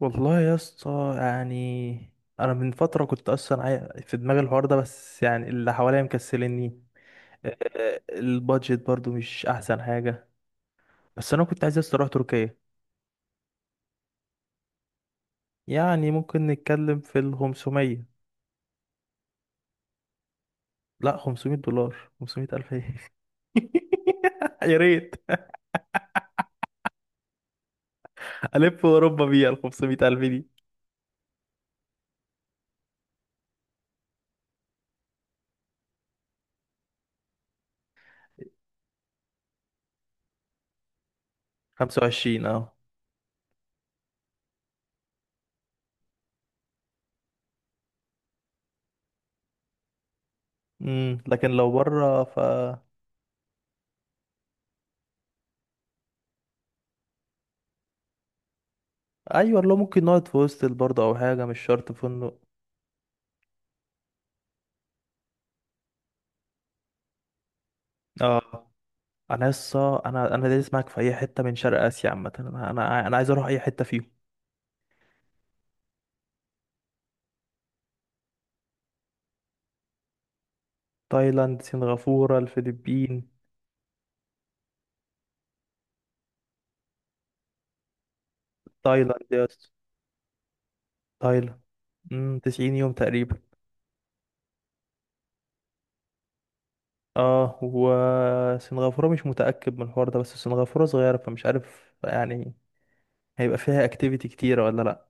والله يا اسطى، يعني انا من فتره كنت اصلا في دماغي الحوار ده، بس يعني اللي حواليا مكسلني. البادجت برضو مش احسن حاجه. بس انا كنت عايز يا اسطى اروح تركيا. يعني ممكن نتكلم في ال 500. لا، $500. 500 الف ايه؟ يا ريت. الف اوروبا بيها ال 500 الف دي. 25، اه. لكن لو بره ف. ايوه، لو ممكن نقعد في هوستل برضه او حاجه مش شرط فندق. اه، انا لسه انا دايس معاك في اي حته من شرق اسيا عامه، انا عايز اروح اي حته فيهم. تايلاند، سنغافوره، الفلبين. تايلاند يا اسطى، تايلاند. 90 يوم تقريبا. اه، وسنغافوره مش متاكد من الحوار ده، بس سنغافوره صغيره فمش عارف يعني. هيبقى فيها اكتيفيتي كتيره ولا لا؟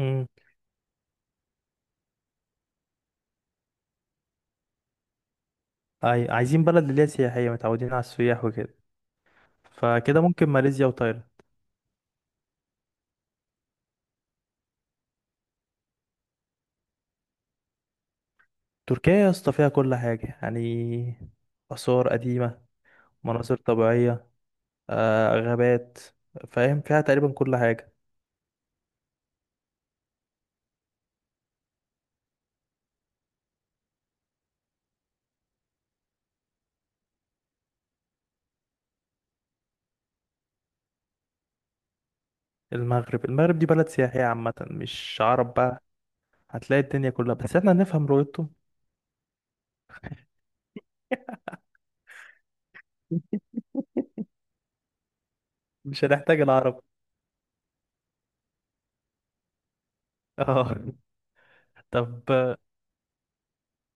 امم اي، عايزين بلد اللي هي سياحيه، متعودين على السياح وكده. فكده ممكن ماليزيا وتايلاند. تركيا يا اسطى فيها كل حاجه يعني. آثار قديمة، مناظر طبيعية، غابات. فاهم فيها تقريبا كل حاجة. المغرب، المغرب دي بلد سياحية عامة مش عرب بقى. هتلاقي الدنيا كلها، بس احنا هنفهم لغتهم. مش هنحتاج العرب. اه. طب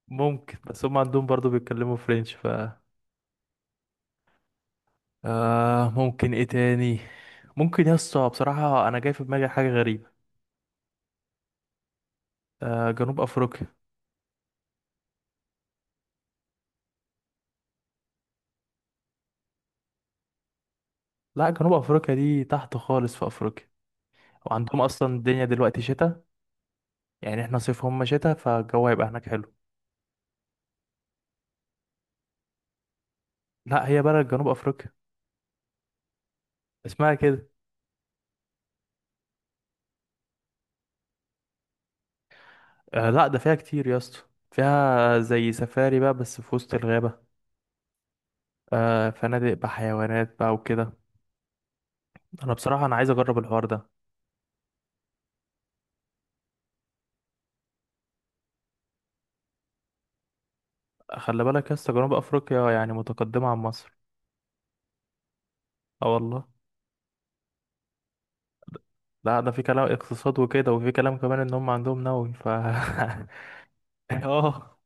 ممكن، بس هم عندهم برضو بيتكلموا فرنش ف. ممكن ايه تاني؟ ممكن يا اسطى بصراحة انا جاي في دماغي حاجة غريبة. جنوب افريقيا. لا، جنوب افريقيا دي تحت خالص في افريقيا. وعندهم اصلا الدنيا دلوقتي شتاء. يعني احنا صيف هم شتاء، فالجو هيبقى هناك حلو. لا، هي بلد جنوب افريقيا، اسمها كده. لا، ده فيها كتير يا اسطى. فيها زي سفاري بقى بس في وسط الغابة. فنادق بحيوانات بقى وكده. انا بصراحة انا عايز اجرب الحوار ده. خلي بالك يا اسطى، جنوب افريقيا يعني متقدمة عن مصر. اه والله. لا، ده في كلام اقتصاد وكده، وفي كلام كمان ان هم عندهم نووي ف اه،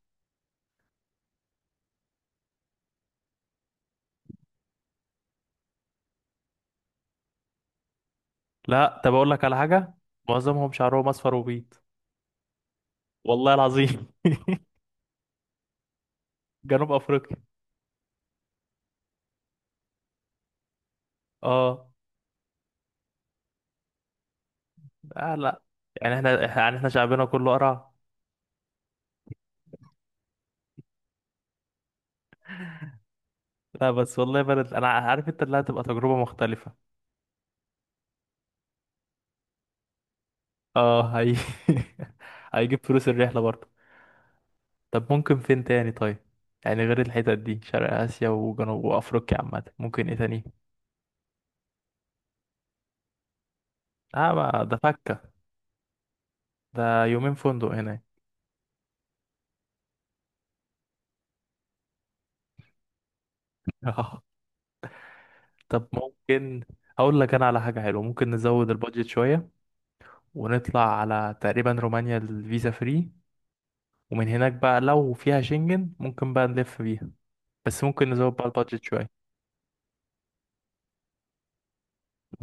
لا. طب اقول لك على حاجة. معظمهم شعرهم اصفر وبيض. والله العظيم. جنوب افريقيا. اه، لا. يعني احنا يعني احنا شعبنا كله قرع. لا بس والله بلد، انا عارف انت اللي هتبقى تجربة مختلفة. اه هي. هيجيب فلوس الرحلة برضه. طب ممكن فين تاني طيب؟ يعني غير الحتت دي شرق آسيا وجنوب وأفريقيا عامة، ممكن ايه تاني؟ اه، ما ده فكة. ده يومين فندق هناك. اه. طب ممكن. هقول لك انا على حاجة حلوة، ممكن نزود البادجت شوية. ونطلع على تقريبا رومانيا، الفيزا فري. ومن هناك بقى لو فيها شنجن ممكن بقى نلف بيها. بس ممكن نزود بقى البادجت شوية.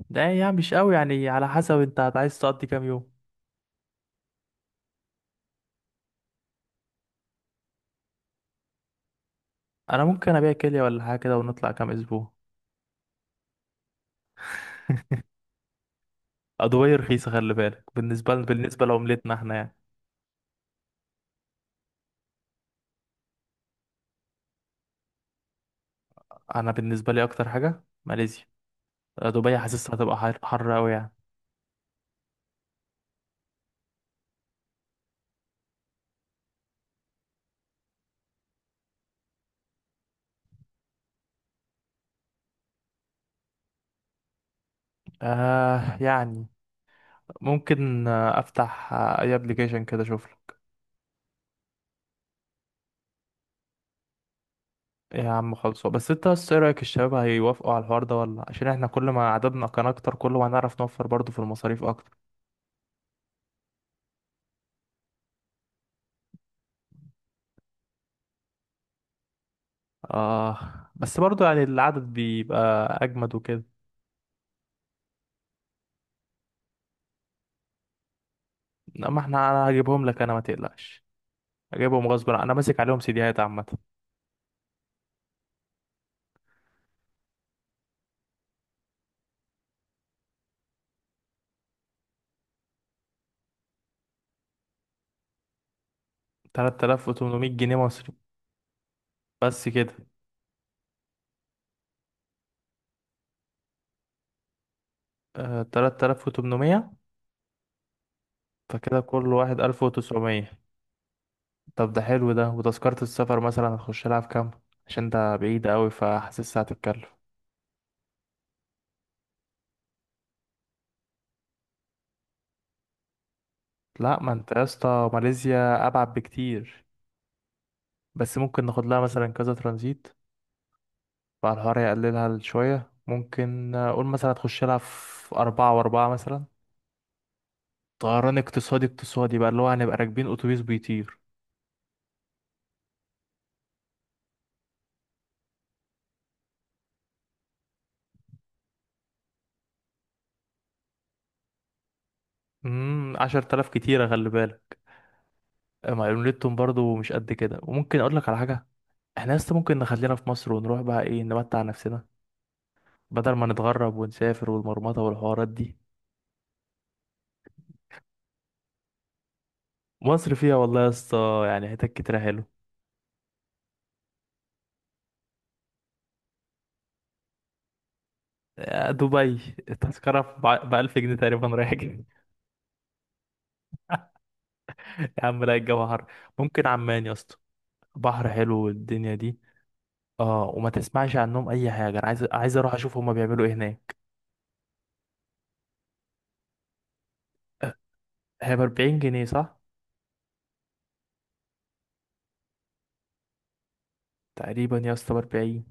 ده يعني مش قوي يعني، على حسب انت عايز تقضي كام يوم. انا ممكن ابيع كلية ولا حاجة كده ونطلع كام اسبوع. ادوية رخيصة خلي بالك، بالنسبة لعملتنا احنا يعني. انا بالنسبة لي اكتر حاجة ماليزيا. دبي حاسسها هتبقى حر حر قوي يعني. يعني ممكن، افتح اي ابلكيشن كده اشوف له. ايه يا عم؟ خلصوا بس انت، بس ايه رايك؟ الشباب هيوافقوا على الحوار ده ولا؟ عشان احنا كل ما عددنا كان اكتر كل ما هنعرف نوفر برضه في المصاريف اكتر. اه، بس برضه يعني العدد بيبقى اجمد وكده. لا، ما احنا انا هجيبهم لك، انا ما تقلقش. هجيبهم غصب عني. انا ماسك عليهم سيديهات عامة. 3800 جنيه مصري بس كده. 3800، فكده كل واحد 1900. طب ده حلو ده. وتذكرة السفر مثلا هتخش لها في كام؟ عشان ده بعيد قوي فحاسسها هتتكلف. لا، ما انت يا اسطى ماليزيا ابعد بكتير. بس ممكن ناخد لها مثلا كذا ترانزيت. فالحوار يقللها شوية، ممكن قول مثلا هتخش لها في أربعة وأربعة مثلا. طيران اقتصادي اقتصادي بقى، اللي هو هنبقى راكبين اتوبيس بيطير. 10,000 كتيرة خلي بالك. مع ليلتهم برضو مش قد كده. وممكن اقول لك على حاجة. احنا لسه ممكن نخلينا في مصر ونروح بقى ايه، نمتع نفسنا. بدل ما نتغرب ونسافر والمرمطة والحوارات دي. مصر فيها والله يا اسطى يعني حتت كتيرة حلو. دبي التذكرة ب 1000 جنيه تقريبا رايح جاي. يا عم لا، الجو حر. ممكن عمان يا اسطى. بحر حلو والدنيا دي. اه، وما تسمعش عنهم اي حاجة. انا عايز اروح اشوف هما بيعملوا ايه هناك. هي ب 40 جنيه صح؟ تقريبا يا اسطى ب 40.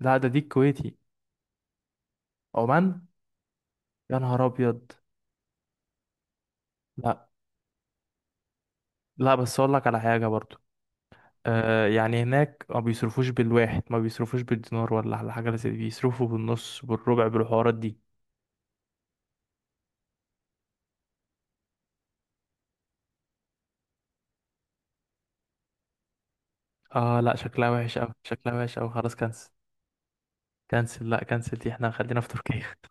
لا، ده دي الكويتي. عمان. يا نهار ابيض. لا، لا. بس اقول لك على حاجه برضو. يعني هناك ما بيصرفوش بالواحد، ما بيصرفوش بالدينار ولا على حاجه زي دي، بيصرفوا بالنص بالربع بالحوارات دي. اه لا، شكلها وحش قوي، شكلها وحش قوي، خلاص كنسل. كنسل، لا كنسل، دي احنا خلينا في تركيا.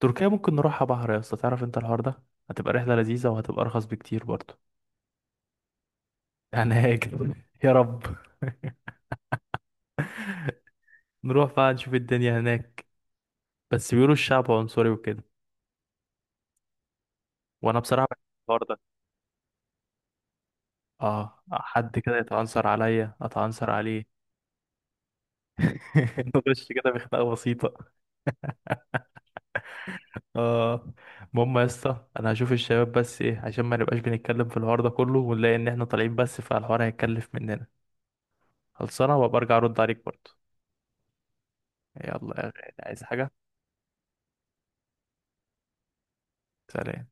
تركيا ممكن نروحها بحر يا اسطى، تعرف انت الحوار ده. هتبقى رحله لذيذه وهتبقى ارخص بكتير برضو. هناك. يا رب نروح بقى نشوف الدنيا هناك. بس بيقولوا الشعب عنصري وكده. وانا بصراحه بحب الحوار ده. اه، حد كده يتعنصر عليا اتعنصر عليه. نخش كده بخناقه بسيطه. اه، المهم يا اسطى انا هشوف الشباب، بس ايه، عشان ما نبقاش بنتكلم في الحوار ده كله ونلاقي ان احنا طالعين بس فالحوار هيتكلف مننا. خلصانه، وابقى ارجع ارد عليك برضه. يلا يا غالي، عايز حاجه؟ سلام.